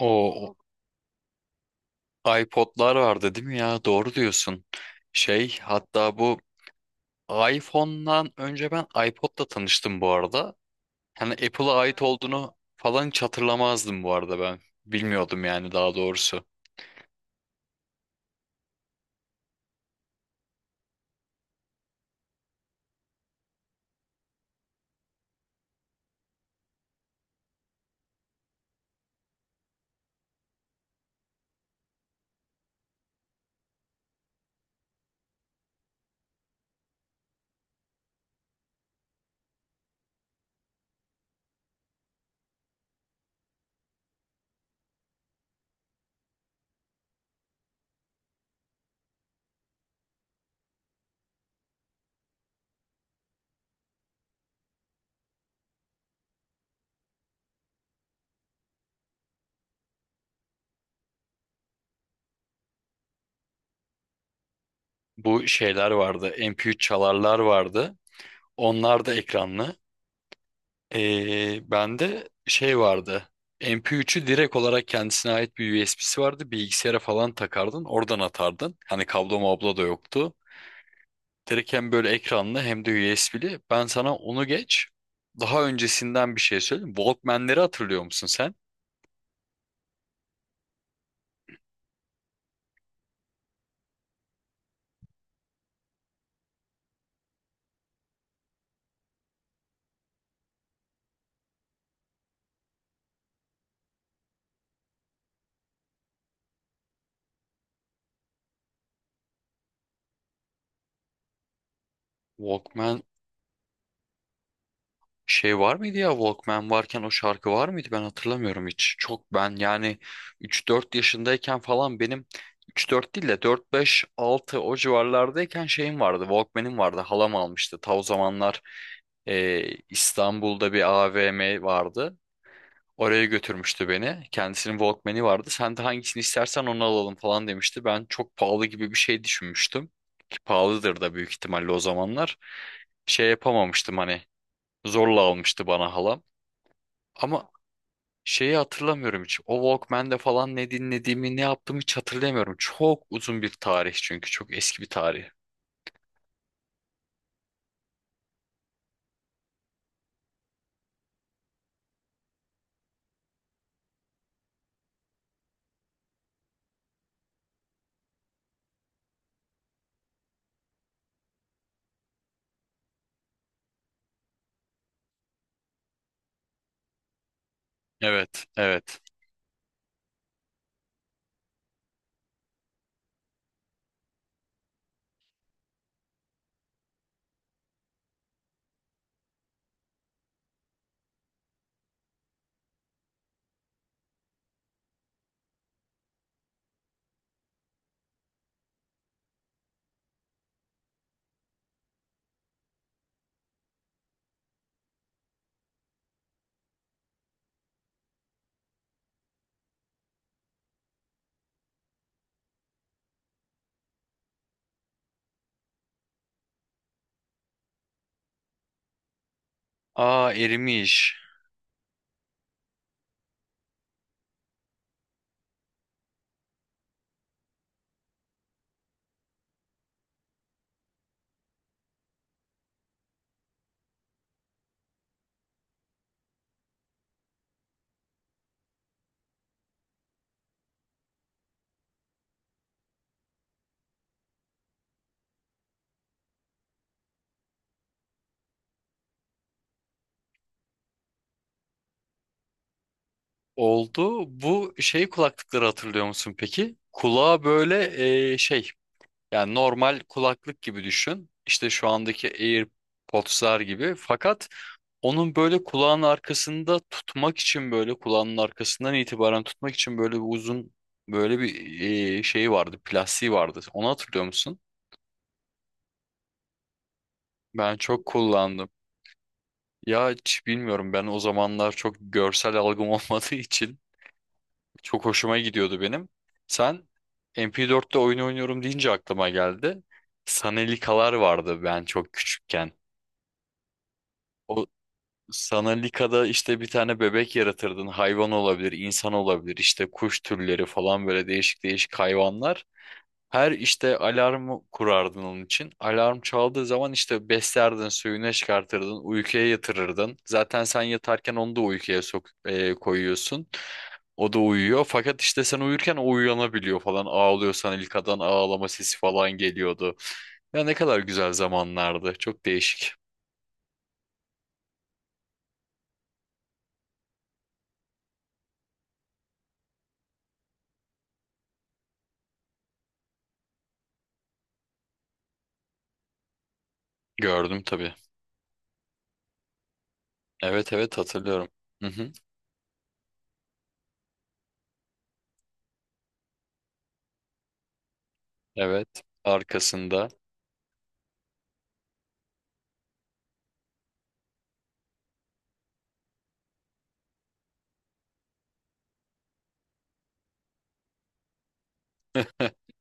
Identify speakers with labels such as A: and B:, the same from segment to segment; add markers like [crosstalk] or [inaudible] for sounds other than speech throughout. A: O o iPod'lar vardı değil mi ya? Doğru diyorsun. Şey hatta bu iPhone'dan önce ben iPod'la tanıştım bu arada. Hani Apple'a ait olduğunu falan hiç hatırlamazdım bu arada ben. Bilmiyordum yani daha doğrusu. Bu şeyler vardı. MP3 çalarlar vardı. Onlar da ekranlı. Bende şey vardı. MP3'ü direkt olarak kendisine ait bir USB'si vardı. Bilgisayara falan takardın. Oradan atardın. Hani kablo mablo da yoktu. Direkt hem böyle ekranlı hem de USB'li. Ben sana onu geç. Daha öncesinden bir şey söyleyeyim. Walkman'leri hatırlıyor musun sen? Walkman şey var mıydı ya? Walkman varken o şarkı var mıydı? Ben hatırlamıyorum hiç. Çok ben yani üç dört yaşındayken falan benim üç dört değil de 4-5-6 o civarlardayken şeyim vardı. Walkman'im vardı. Halam almıştı. Ta o zamanlar e, İstanbul'da bir AVM vardı. Oraya götürmüştü beni. Kendisinin Walkman'i vardı. Sen de hangisini istersen onu alalım falan demişti. Ben çok pahalı gibi bir şey düşünmüştüm. Ki pahalıdır da büyük ihtimalle o zamanlar. Şey yapamamıştım hani zorla almıştı bana halam. Ama şeyi hatırlamıyorum hiç. O Walkman'de falan ne dinlediğimi ne yaptığımı hiç hatırlamıyorum. Çok uzun bir tarih çünkü çok eski bir tarih. Evet, evet. Aa erimiş. Oldu. Bu şey kulaklıkları hatırlıyor musun peki? Kulağa böyle şey yani normal kulaklık gibi düşün. İşte şu andaki AirPods'lar gibi. Fakat onun böyle kulağın arkasında tutmak için böyle kulağın arkasından itibaren tutmak için böyle bir uzun böyle bir şeyi vardı. Plastiği vardı. Onu hatırlıyor musun? Ben çok kullandım. Ya hiç bilmiyorum ben o zamanlar çok görsel algım [laughs] olmadığı için. Çok hoşuma gidiyordu benim. Sen MP4'te oyun oynuyorum deyince aklıma geldi. Sanalikalar vardı ben çok küçükken. O Sanalika'da işte bir tane bebek yaratırdın. Hayvan olabilir, insan olabilir, işte kuş türleri falan böyle değişik değişik hayvanlar. Her işte alarmı kurardın onun için. Alarm çaldığı zaman işte beslerdin, suyunu çıkartırdın, uykuya yatırırdın. Zaten sen yatarken onu da uykuya koyuyorsun. O da uyuyor. Fakat işte sen uyurken o uyanabiliyor falan. Ağlıyorsan ilkadan ağlama sesi falan geliyordu. Ya ne kadar güzel zamanlardı. Çok değişik. Gördüm tabii. Evet evet hatırlıyorum. Hı hı. Evet. Arkasında. [laughs]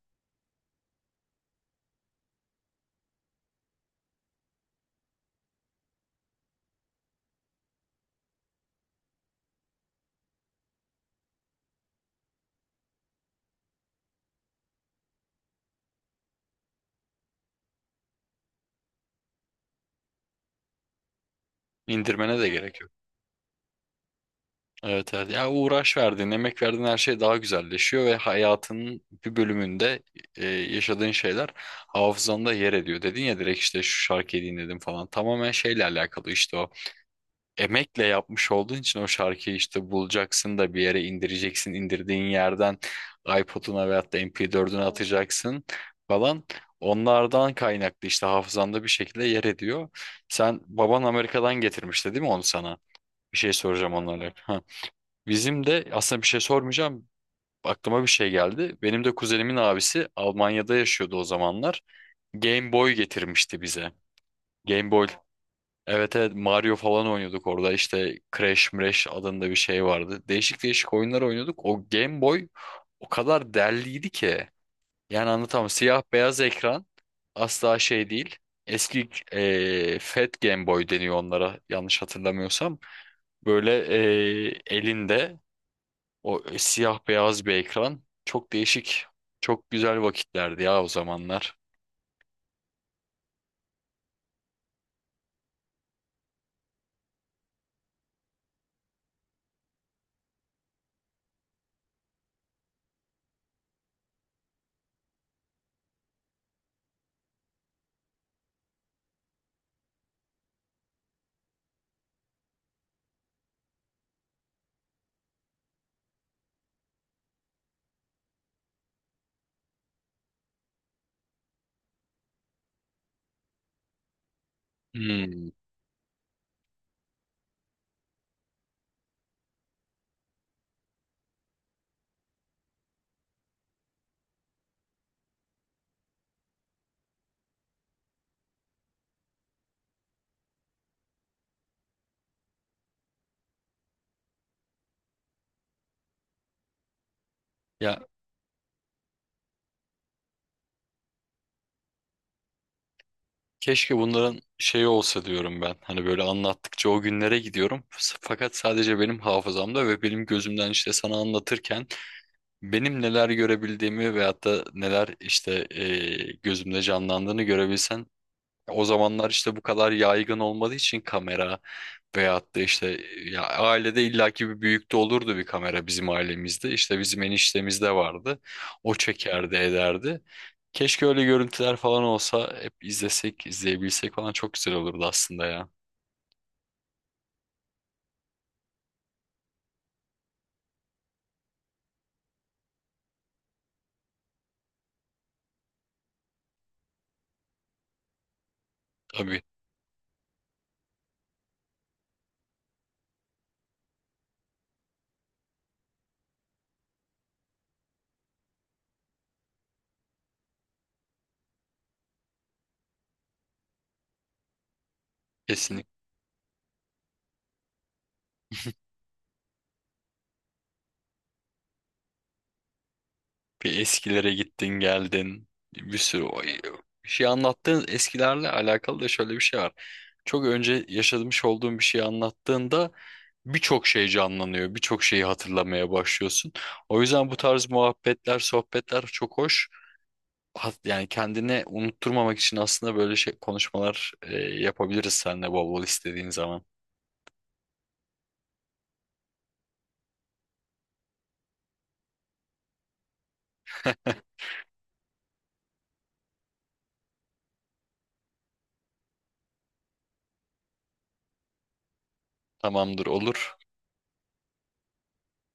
A: indirmene de gerek yok. Evet evet. Yani uğraş verdiğin, emek verdiğin her şey daha güzelleşiyor ve hayatının bir bölümünde yaşadığın şeyler hafızanda yer ediyor. Dedin ya direkt işte şu şarkıyı dinledim falan. Tamamen şeyle alakalı işte o. Emekle yapmış olduğun için o şarkıyı işte bulacaksın da bir yere indireceksin. İndirdiğin yerden iPod'una veyahut da MP4'üne atacaksın falan. Onlardan kaynaklı işte hafızanda bir şekilde yer ediyor. Sen baban Amerika'dan getirmişti değil mi onu sana? Bir şey soracağım onlarla. Bizim de aslında bir şey sormayacağım. Aklıma bir şey geldi. Benim de kuzenimin abisi Almanya'da yaşıyordu o zamanlar. Game Boy getirmişti bize. Game Boy. Evet evet Mario falan oynuyorduk orada. İşte Crash Mrash adında bir şey vardı. Değişik değişik oyunlar oynuyorduk. O Game Boy o kadar derliydi ki. Yani anlatamam. Siyah beyaz ekran asla şey değil. Eski Fat Game Boy deniyor onlara yanlış hatırlamıyorsam. Böyle elinde o siyah beyaz bir ekran. Çok değişik. Çok güzel vakitlerdi ya o zamanlar. Hmm. Ya keşke bunların şeyi olsa diyorum ben. Hani böyle anlattıkça o günlere gidiyorum. Fakat sadece benim hafızamda ve benim gözümden işte sana anlatırken benim neler görebildiğimi veyahut da neler işte gözümde canlandığını görebilsen. O zamanlar işte bu kadar yaygın olmadığı için kamera veyahut da işte ya ailede illaki bir büyükte olurdu bir kamera bizim ailemizde. İşte bizim eniştemizde vardı. O çekerdi ederdi. Keşke öyle görüntüler falan olsa hep izlesek, izleyebilsek falan çok güzel olurdu aslında ya. Tabii, kesinlikle bir eskilere gittin geldin bir sürü bir şey anlattığın eskilerle alakalı da şöyle bir şey var. Çok önce yaşamış olduğun bir şeyi anlattığında birçok şey canlanıyor, birçok şeyi hatırlamaya başlıyorsun. O yüzden bu tarz muhabbetler, sohbetler çok hoş. Yani kendini unutturmamak için aslında böyle şey konuşmalar yapabiliriz seninle bol bol istediğin zaman. [laughs] Tamamdır, olur.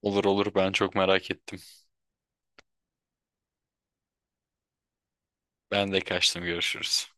A: Olur olur ben çok merak ettim. Ben de kaçtım, görüşürüz.